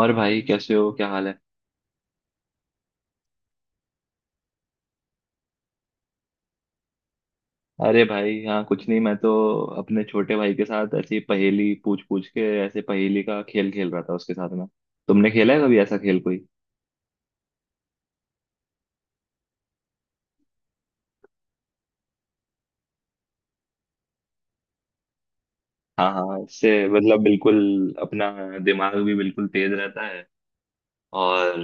और भाई कैसे हो, क्या हाल है। अरे भाई, हाँ कुछ नहीं, मैं तो अपने छोटे भाई के साथ ऐसे ही पहेली पूछ पूछ के ऐसे पहेली का खेल खेल रहा था उसके साथ में। तुमने खेला है कभी ऐसा खेल कोई? हाँ हाँ, इससे मतलब बिल्कुल अपना दिमाग भी बिल्कुल तेज रहता है, और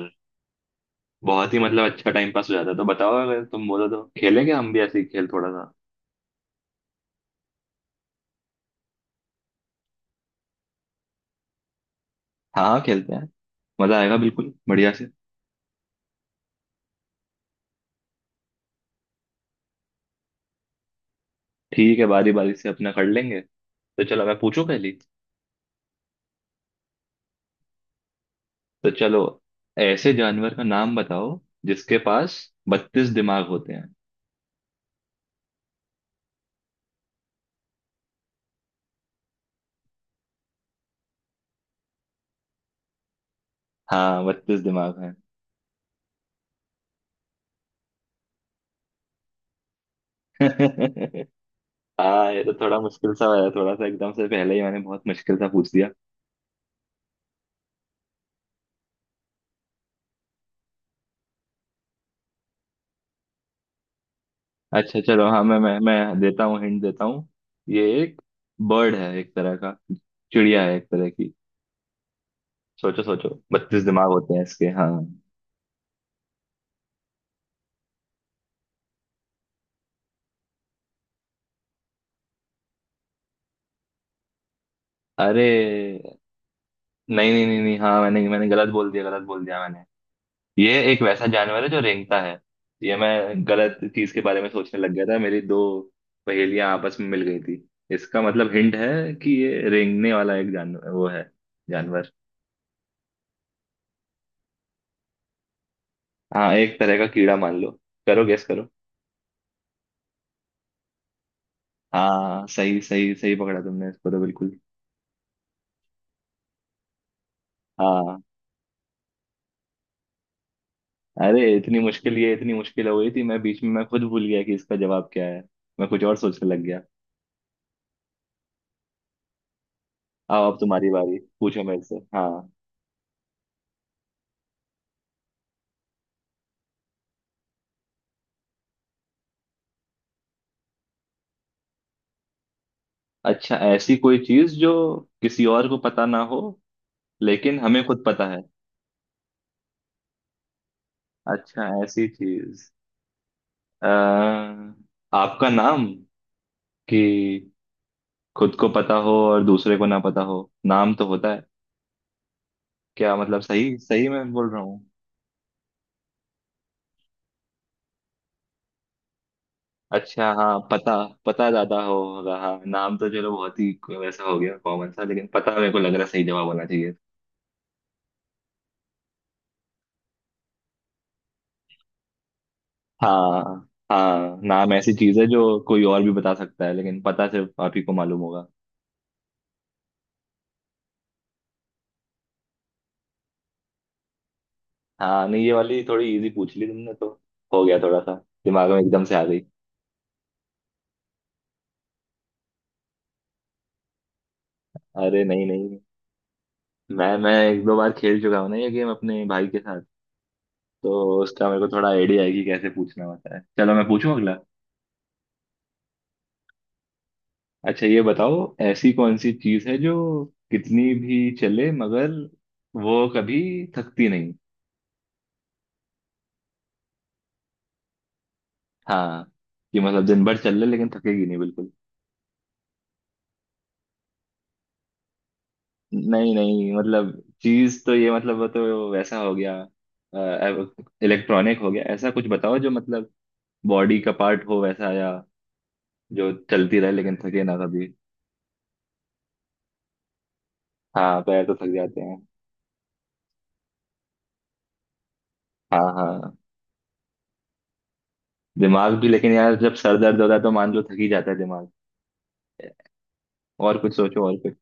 बहुत ही मतलब अच्छा टाइम पास हो जाता है। तो बताओ, अगर तुम बोलो तो खेलेंगे हम भी ऐसे ही खेल थोड़ा सा। हाँ हाँ, खेलते हैं, मजा आएगा बिल्कुल बढ़िया से। ठीक है, बारी बारी से अपना कर लेंगे, तो चलो मैं पूछूं पहली। तो चलो, ऐसे जानवर का नाम बताओ जिसके पास 32 दिमाग होते हैं। हाँ, 32 दिमाग हैं। हाँ, ये तो थोड़ा मुश्किल सा है, थोड़ा सा एकदम से पहले ही मैंने बहुत मुश्किल सा पूछ दिया। अच्छा चलो, हाँ मैं देता हूँ, हिंट देता हूँ। ये एक बर्ड है एक तरह का, चिड़िया है एक तरह की। सोचो सोचो, 32 दिमाग होते हैं इसके, हाँ। अरे नहीं नहीं नहीं नहीं, हाँ मैंने मैंने गलत बोल दिया, गलत बोल दिया मैंने। ये एक वैसा जानवर है जो रेंगता है। ये मैं गलत चीज के बारे में सोचने लग गया था, मेरी दो पहेलियां आपस में मिल गई थी। इसका मतलब हिंट है कि ये रेंगने वाला एक जानवर वो है, जानवर। हाँ, एक तरह का कीड़ा मान लो, करो गेस करो। हाँ, सही सही सही पकड़ा तुमने इसको तो बिल्कुल। हाँ, अरे इतनी मुश्किल, ये इतनी मुश्किल हो गई थी, मैं बीच में मैं खुद भूल गया कि इसका जवाब क्या है, मैं कुछ और सोचने लग गया। आओ, अब तुम्हारी बारी, पूछो मेरे से, हाँ। अच्छा, ऐसी कोई चीज जो किसी और को पता ना हो लेकिन हमें खुद पता है। अच्छा, ऐसी चीज, अह आपका नाम कि खुद को पता हो और दूसरे को ना पता हो। नाम तो होता है, क्या मतलब, सही सही मैं बोल रहा हूँ? अच्छा हाँ, पता, पता ज्यादा होगा, हाँ नाम तो चलो बहुत ही वैसा हो गया कॉमन सा, लेकिन पता मेरे को लग रहा है सही जवाब होना चाहिए। हाँ हाँ, नाम ऐसी चीज है जो कोई और भी बता सकता है, लेकिन पता सिर्फ आप ही को मालूम होगा। हाँ नहीं, ये वाली थोड़ी इजी पूछ ली तुमने तो, हो गया थोड़ा सा, दिमाग में एकदम से आ गई। अरे नहीं नहीं, मैं एक दो बार खेल चुका हूँ ना ये गेम अपने भाई के साथ, तो उसका मेरे को थोड़ा आइडिया है कि कैसे पूछना होता है। चलो मैं पूछूं अगला। अच्छा, ये बताओ, ऐसी कौन सी चीज है जो कितनी भी चले मगर वो कभी थकती नहीं? हाँ, कि मतलब दिन भर चल ले लेकिन थकेगी नहीं बिल्कुल। नहीं नहीं, मतलब चीज तो ये मतलब वो तो वैसा हो गया, इलेक्ट्रॉनिक हो गया। ऐसा कुछ बताओ जो मतलब बॉडी का पार्ट हो वैसा, या जो चलती रहे लेकिन थके ना कभी। हाँ पैर तो थक जाते हैं। हाँ हाँ, दिमाग भी लेकिन यार जब सर दर्द होता है तो मान लो थक ही जाता है दिमाग। और कुछ सोचो, और कुछ।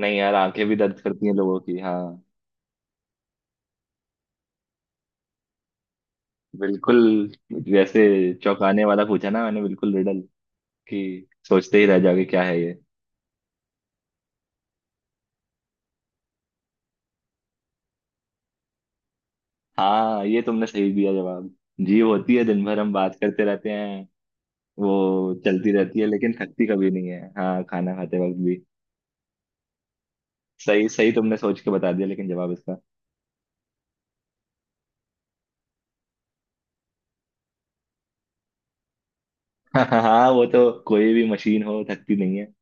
नहीं यार, आंखें भी दर्द करती हैं लोगों की, हाँ बिल्कुल। जैसे चौंकाने वाला पूछा ना मैंने, बिल्कुल रिडल कि सोचते ही रह जाओगे क्या है ये। हाँ, ये तुमने सही दिया जवाब। जीव होती है, दिन भर हम बात करते रहते हैं, वो चलती रहती है लेकिन थकती कभी नहीं है, हाँ खाना खाते वक्त भी। सही सही तुमने सोच के बता दिया, लेकिन जवाब इसका। हाँ वो तो, कोई भी मशीन हो थकती नहीं है,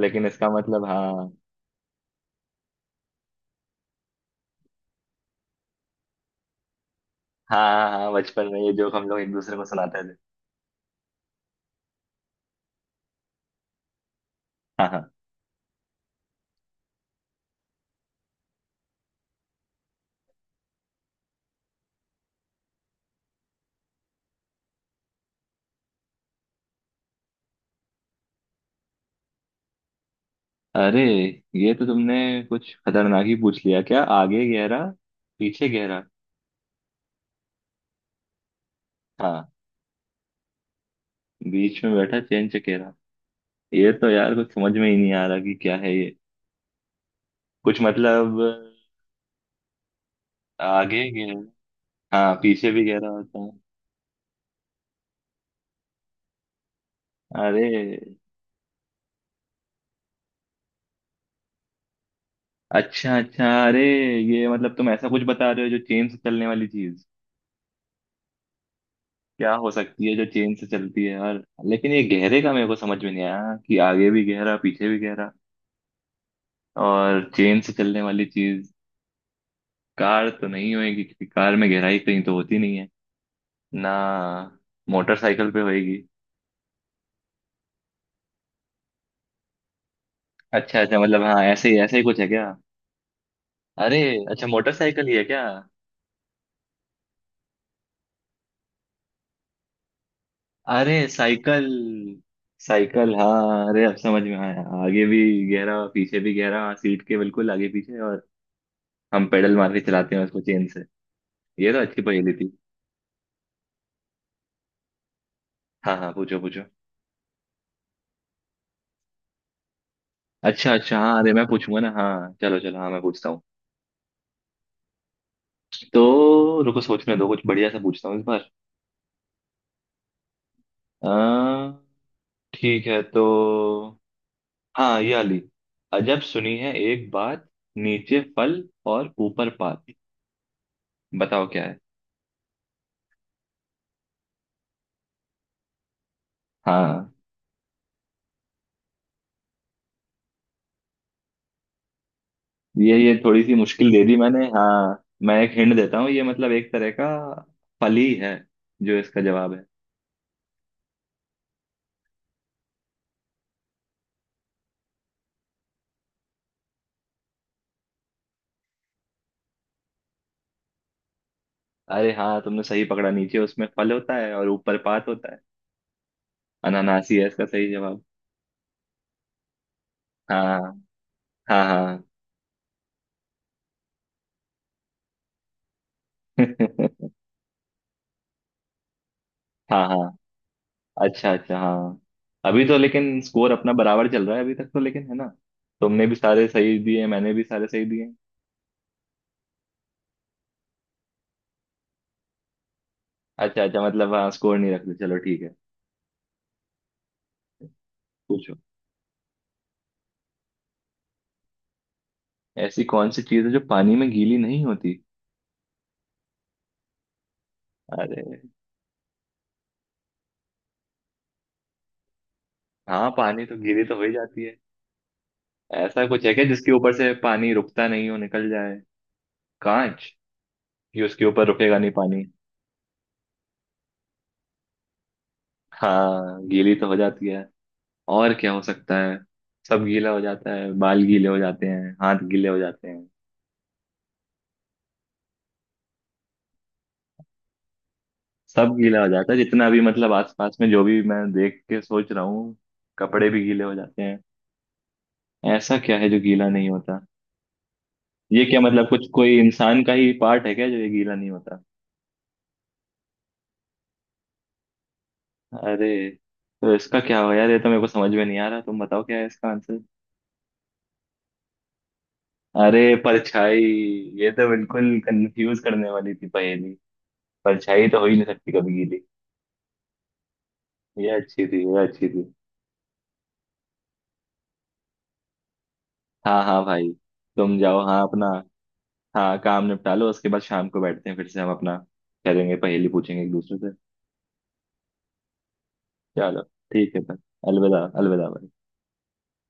लेकिन इसका मतलब, हाँ। हाँ हाँ हाँ, बचपन में ये जोक हम लोग एक दूसरे को सुनाते थे। हाँ हाँ। अरे ये तो तुमने कुछ खतरनाक ही पूछ लिया, क्या आगे गहरा पीछे गहरा? हाँ, बीच में बैठा चैन चकेरा, ये तो यार कुछ समझ में ही नहीं आ रहा कि क्या है ये, कुछ मतलब। आगे गहरा, हाँ पीछे भी गहरा होता है। अरे, अच्छा अच्छा, अरे ये मतलब तुम ऐसा कुछ बता रहे हो जो चेन से चलने वाली चीज, क्या हो सकती है जो चेन से चलती है यार? लेकिन ये गहरे का मेरे को समझ में नहीं आया कि आगे भी गहरा पीछे भी गहरा, और चेन से चलने वाली चीज। कार तो नहीं होएगी क्योंकि कार में गहराई कहीं तो होती नहीं है ना, मोटरसाइकिल पे होएगी। अच्छा अच्छा, मतलब हाँ ऐसे ही कुछ है क्या? अरे, अच्छा मोटरसाइकिल ही है क्या? अरे साइकिल, साइकिल हाँ, अरे अब समझ में आया, आगे भी गहरा पीछे भी गहरा, हाँ, सीट के बिल्कुल आगे पीछे, और हम पेडल मार के चलाते हैं उसको चेन से। ये तो अच्छी पहेली थी। हाँ हाँ, पूछो पूछो। अच्छा अच्छा हाँ, अरे मैं पूछूंगा ना, हाँ चलो चलो, हाँ मैं पूछता हूँ। तो रुको, सोचने दो, कुछ बढ़िया सा पूछता हूँ इस बार। आ, ठीक है, तो हाँ, ये वाली। अजब सुनी है एक बात, नीचे फल और ऊपर पात, बताओ क्या है। हाँ ये थोड़ी सी मुश्किल दे दी मैंने, हाँ मैं एक हिंट देता हूँ, ये मतलब एक तरह का फल ही है जो इसका जवाब है। अरे हाँ, तुमने सही पकड़ा, नीचे उसमें फल होता है और ऊपर पात होता है, अनानास ही है इसका सही जवाब। हाँ हाँ हाँ। हाँ हाँ, अच्छा अच्छा हाँ, अभी तो लेकिन स्कोर अपना बराबर चल रहा है अभी तक तो, लेकिन है ना, तुमने भी सारे सही दिए मैंने भी सारे सही दिए। अच्छा अच्छा, मतलब हाँ स्कोर नहीं रखते, चलो ठीक है। पूछो। ऐसी कौन सी चीज़ है जो पानी में गीली नहीं होती? अरे, हाँ पानी तो गीली तो हो ही जाती है, ऐसा कुछ है क्या जिसके ऊपर से पानी रुकता नहीं हो निकल जाए, कांच, कि उसके ऊपर रुकेगा नहीं पानी। हाँ गीली तो हो जाती है, और क्या हो सकता है, सब गीला हो जाता है, बाल गीले हो जाते हैं, हाथ गीले हो जाते हैं, सब गीला हो जाता है, जितना भी मतलब आसपास में जो भी मैं देख के सोच रहा हूँ, कपड़े भी गीले हो जाते हैं। ऐसा क्या है जो गीला नहीं होता? ये क्या मतलब, कुछ कोई इंसान का ही पार्ट है क्या जो ये गीला नहीं होता? अरे तो इसका क्या हो यार, ये तो मेरे को समझ में नहीं आ रहा, तुम बताओ क्या है इसका आंसर। अरे परछाई, ये तो बिल्कुल कंफ्यूज करने वाली थी पहेली, परछाई तो हो ही नहीं सकती कभी गीली। ये अच्छी थी, ये अच्छी थी। हाँ हाँ भाई, तुम जाओ हाँ अपना, हाँ काम निपटा लो, उसके बाद शाम को बैठते हैं फिर से हम अपना, करेंगे पहेली पूछेंगे एक दूसरे से। चलो, ठीक है भाई, अलविदा, अलविदा भाई।